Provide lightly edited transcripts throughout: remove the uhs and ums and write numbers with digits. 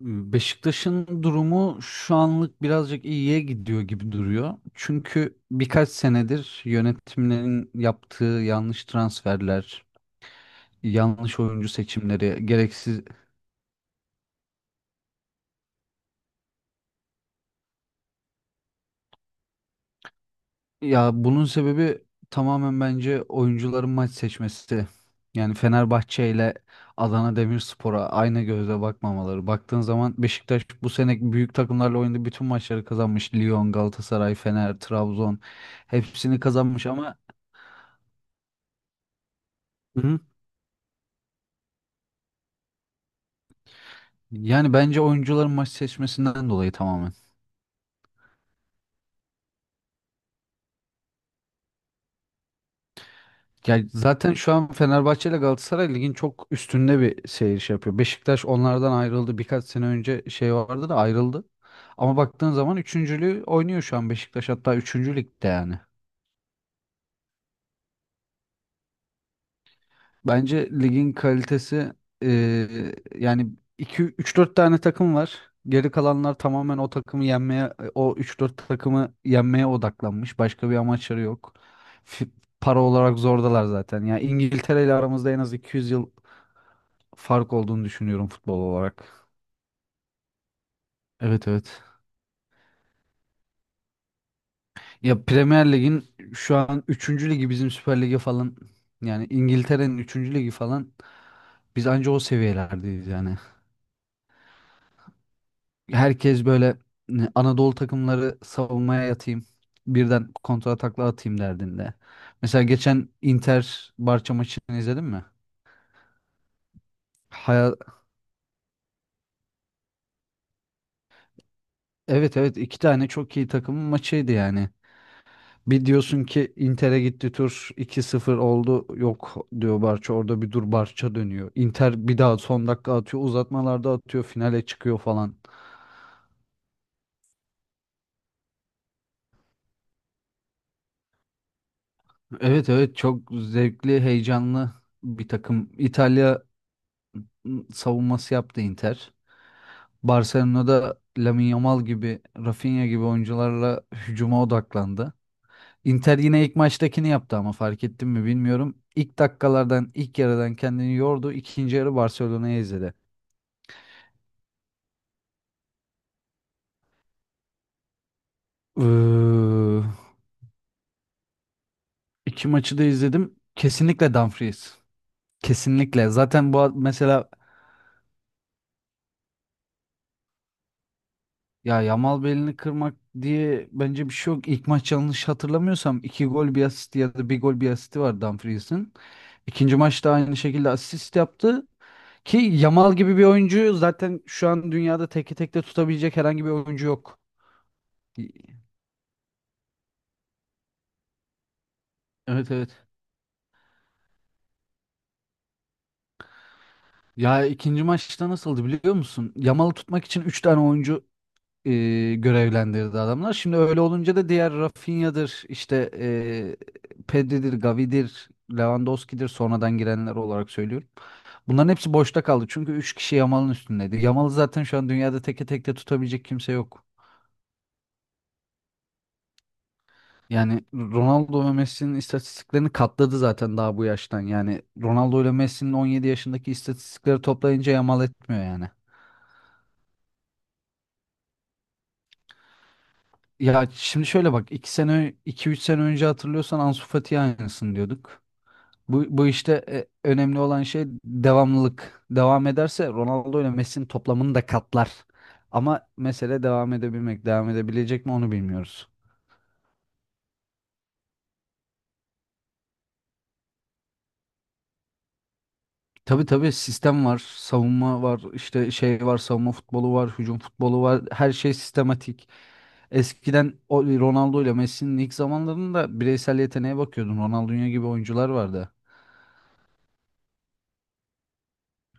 Beşiktaş'ın durumu şu anlık birazcık iyiye gidiyor gibi duruyor. Çünkü birkaç senedir yönetimlerin yaptığı yanlış transferler, yanlış oyuncu seçimleri, gereksiz... Ya bunun sebebi tamamen bence oyuncuların maç seçmesi. Yani Fenerbahçe ile Adana Demirspor'a aynı gözle bakmamaları. Baktığın zaman Beşiktaş bu sene büyük takımlarla oynadığı bütün maçları kazanmış. Lyon, Galatasaray, Fener, Trabzon hepsini kazanmış ama. Hı. Yani bence oyuncuların maç seçmesinden dolayı tamamen. Yani zaten şu an Fenerbahçe ile Galatasaray ligin çok üstünde bir seyir şey yapıyor. Beşiktaş onlardan ayrıldı. Birkaç sene önce şey vardı da ayrıldı. Ama baktığın zaman üçüncülüğü oynuyor şu an Beşiktaş, hatta üçüncü ligde yani. Bence ligin kalitesi yani iki üç dört tane takım var. Geri kalanlar tamamen o takımı yenmeye, o üç dört takımı yenmeye odaklanmış. Başka bir amaçları yok. Fi- Para olarak zordalar zaten. Ya İngiltere ile aramızda en az 200 yıl fark olduğunu düşünüyorum futbol olarak. Evet evet. Ya Premier Lig'in şu an üçüncü ligi bizim Süper Lig'e falan, yani İngiltere'nin üçüncü ligi falan, biz anca o seviyelerdeyiz yani. Herkes böyle, ne, Anadolu takımları savunmaya yatayım, birden kontra takla atayım derdinde. Mesela geçen Inter Barça maçını izledin mi? Haya- evet evet iki tane çok iyi takımın maçıydı yani. Bir diyorsun ki Inter'e gitti tur iki sıfır oldu, yok diyor Barça orada bir dur, Barça dönüyor. Inter bir daha son dakika atıyor, uzatmalarda atıyor, finale çıkıyor falan. Evet evet, çok zevkli, heyecanlı bir takım. İtalya savunması yaptı Inter. Barcelona'da Lamine Yamal gibi, Rafinha gibi oyuncularla hücuma odaklandı. Inter yine ilk maçtakini yaptı ama fark ettin mi bilmiyorum. İlk dakikalardan, ilk yarıdan kendini yordu. İkinci yarı Barcelona'ya izledi. Iıı, iki maçı da izledim. Kesinlikle Dumfries. Kesinlikle. Zaten mesela, ya Yamal belini kırmak diye bence bir şey yok. İlk maç yanlış hatırlamıyorsam iki gol bir asist ya da bir gol bir asisti var Dumfries'in. İkinci maçta aynı şekilde asist yaptı. Ki Yamal gibi bir oyuncu zaten şu an dünyada teke tek de tutabilecek herhangi bir oyuncu yok. Evet evet. Ya ikinci maçta nasıldı biliyor musun? Yamal'ı tutmak için 3 tane oyuncu e, görevlendirdi adamlar. Şimdi öyle olunca da diğer Rafinha'dır, işte Pedri'dir, Gavi'dir, Lewandowski'dir, sonradan girenler olarak söylüyorum. Bunların hepsi boşta kaldı çünkü 3 kişi Yamal'ın üstündeydi. Yamal'ı zaten şu an dünyada teke tek de tutabilecek kimse yok. Yani Ronaldo ve Messi'nin istatistiklerini katladı zaten daha bu yaştan. Yani Ronaldo ile Messi'nin 17 yaşındaki istatistikleri toplayınca yamal etmiyor yani. Ya şimdi şöyle bak, 2 sene iki üç sene önce hatırlıyorsan Ansu Fati'ye aynısını diyorduk. Bu işte önemli olan şey devamlılık. Devam ederse Ronaldo ile Messi'nin toplamını da katlar. Ama mesele devam edebilmek, devam edebilecek mi onu bilmiyoruz. Tabii tabii, sistem var, savunma var, işte şey var, savunma futbolu var, hücum futbolu var. Her şey sistematik. Eskiden o Ronaldo ile Messi'nin ilk zamanlarında bireysel yeteneğe bakıyordun. Ronaldinho gibi oyuncular vardı.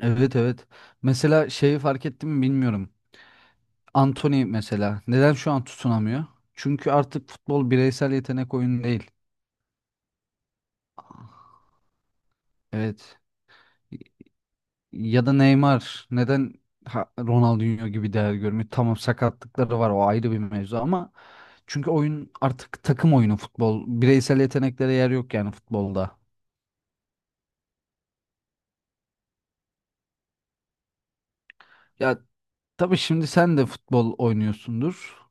Evet evet. Mesela şeyi fark ettim mi bilmiyorum. Antony mesela neden şu an tutunamıyor? Çünkü artık futbol bireysel yetenek oyunu değil. Evet. Ya da Neymar neden Ronaldinho gibi değer görmüyor? Tamam, sakatlıkları var o ayrı bir mevzu ama çünkü oyun artık takım oyunu futbol. Bireysel yeteneklere yer yok yani futbolda. Ya tabii, şimdi sen de futbol oynuyorsundur.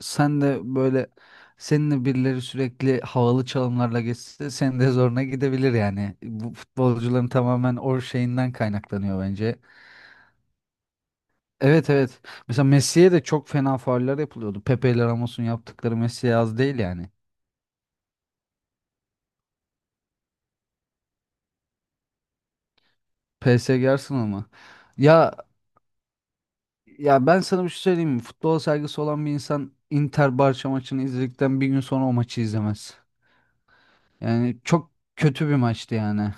Sen de böyle, seninle birileri sürekli havalı çalımlarla geçse senin de zoruna gidebilir yani. Bu futbolcuların tamamen o şeyinden kaynaklanıyor bence. Evet evet. Mesela Messi'ye de çok fena fauller yapılıyordu. Pepe ile Ramos'un yaptıkları Messi'ye az değil yani. PSG Arsenal mı? Ya ya ben sana bir şey söyleyeyim mi? Futbol saygısı olan bir insan Inter Barça maçını izledikten bir gün sonra o maçı izlemez. Yani çok kötü bir maçtı yani.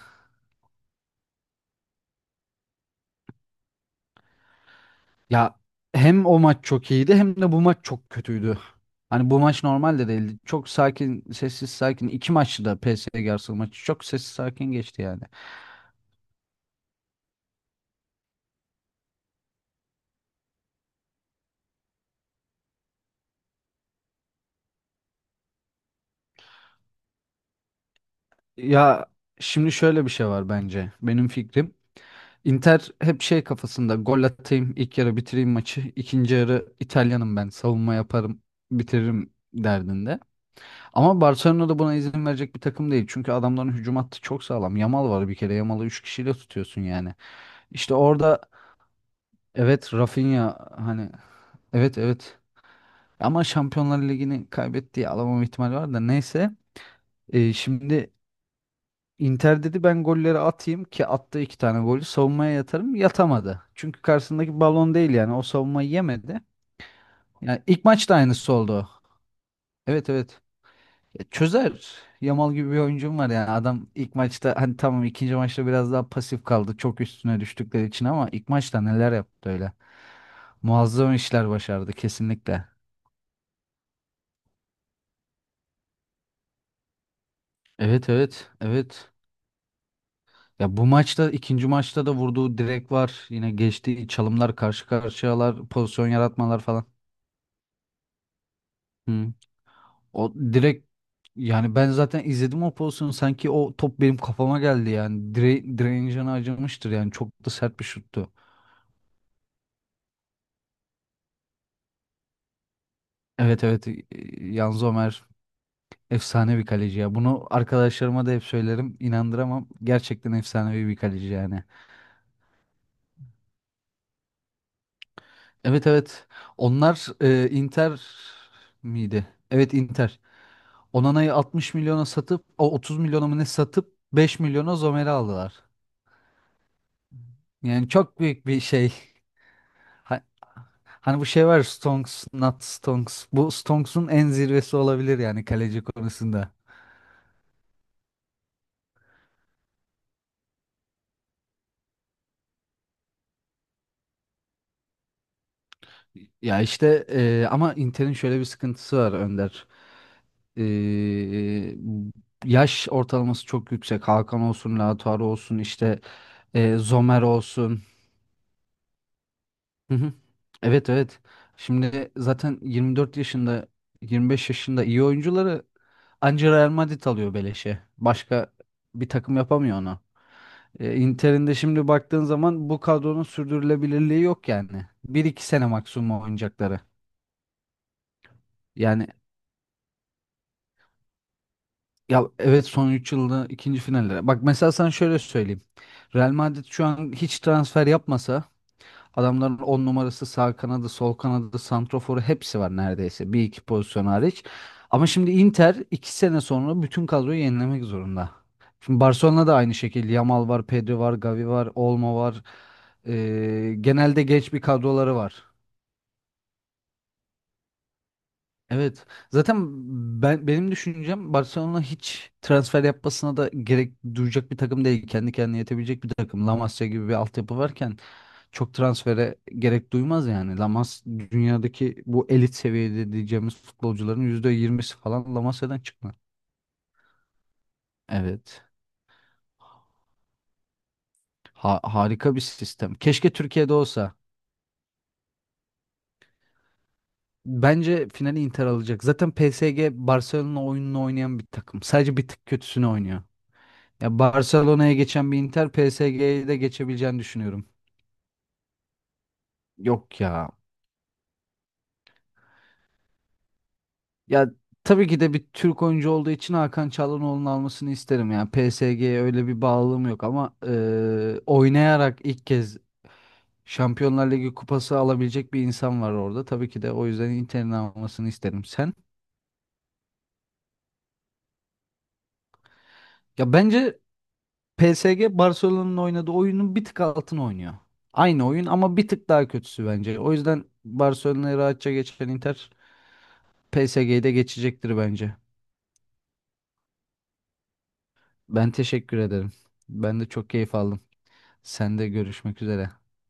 Ya hem o maç çok iyiydi hem de bu maç çok kötüydü. Hani bu maç normal de değildi. Çok sakin, sessiz sakin. İki maçtı da PSG Arsenal maçı. Çok sessiz sakin geçti yani. Ya şimdi şöyle bir şey var bence. Benim fikrim. Inter hep şey kafasında, gol atayım, ilk yarı bitireyim maçı, ikinci yarı İtalyanım ben, savunma yaparım, bitiririm derdinde. Ama Barcelona da buna izin verecek bir takım değil. Çünkü adamların hücum hattı çok sağlam. Yamal var bir kere. Yamal'ı 3 kişiyle tutuyorsun yani. İşte orada evet, Rafinha hani, evet evet, ama Şampiyonlar Ligi'ni kaybettiği alamam ihtimali var da neyse. Şimdi Inter dedi ben golleri atayım, ki attı iki tane golü, savunmaya yatarım, yatamadı. Çünkü karşısındaki balon değil yani, o savunmayı yemedi. Yani ilk maçta aynısı oldu. Evet evet. Ya çözer. Yamal gibi bir oyuncum var yani, adam ilk maçta hani tamam, ikinci maçta biraz daha pasif kaldı çok üstüne düştükleri için, ama ilk maçta neler yaptı öyle. Muazzam işler başardı kesinlikle. Evet evet evet. Ya bu maçta, ikinci maçta da vurduğu direk var. Yine geçtiği çalımlar, karşı karşıyalar, pozisyon yaratmalar falan. Hı. O direkt, yani ben zaten izledim o pozisyonu, sanki o top benim kafama geldi yani, direncini acımıştır yani, çok da sert bir şuttu. Evet evet, Yanzo Ömer efsane bir kaleci ya. Bunu arkadaşlarıma da hep söylerim, inandıramam. Gerçekten efsanevi bir kaleci yani. Evet evet, onlar Inter miydi? Evet, Inter. Onana'yı 60 milyona satıp o 30 milyona mı ne satıp 5 milyona Zomer'i aldılar. Yani çok büyük bir şey. Ha- Hani bu şey var, Stonks, not Stonks. Bu Stonks'un en zirvesi olabilir yani kaleci konusunda. Ya işte ama Inter'in şöyle bir sıkıntısı var Önder. E, Yaş ortalaması çok yüksek. Hakan olsun, Lautaro olsun, işte Zomer olsun. Hı hı. Evet evet. Şimdi zaten 24 yaşında 25 yaşında iyi oyuncuları anca Real Madrid alıyor beleşe. Başka bir takım yapamıyor onu. Inter'in de şimdi baktığın zaman bu kadronun sürdürülebilirliği yok yani. Bir iki sene maksimum oynayacakları. Yani ya evet, son 3 yılda ikinci finallere. Bak mesela sana şöyle söyleyeyim. Real Madrid şu an hiç transfer yapmasa, adamların 10 numarası, sağ kanadı, sol kanadı, santroforu hepsi var neredeyse. Bir iki pozisyon hariç. Ama şimdi Inter 2 sene sonra bütün kadroyu yenilemek zorunda. Şimdi Barcelona da aynı şekilde. Yamal var, Pedri var, Gavi var, Olmo var. Genelde genç bir kadroları var. Evet. Zaten benim düşüncem, Barcelona hiç transfer yapmasına da gerek duyacak bir takım değil. Kendi kendine yetebilecek bir takım. La Masia gibi bir altyapı varken çok transfere gerek duymaz yani. Lamas dünyadaki bu elit seviyede diyeceğimiz futbolcuların %20'si falan Lamasya'dan çıkma. Evet. Ha- harika bir sistem. Keşke Türkiye'de olsa. Bence finali Inter alacak. Zaten PSG Barcelona oyununu oynayan bir takım. Sadece bir tık kötüsünü oynuyor. Ya Barcelona'ya geçen bir Inter PSG'ye de geçebileceğini düşünüyorum. Yok ya. Ya tabii ki de bir Türk oyuncu olduğu için Hakan Çalhanoğlu'nun almasını isterim. Yani PSG'ye öyle bir bağlılığım yok ama oynayarak ilk kez Şampiyonlar Ligi kupası alabilecek bir insan var orada. Tabii ki de o yüzden Inter'in almasını isterim. Sen? Ya bence PSG Barcelona'nın oynadığı oyunun bir tık altını oynuyor. Aynı oyun ama bir tık daha kötüsü bence. O yüzden Barcelona'yı rahatça geçen Inter PSG'yi de geçecektir bence. Ben teşekkür ederim. Ben de çok keyif aldım. Sen de görüşmek üzere.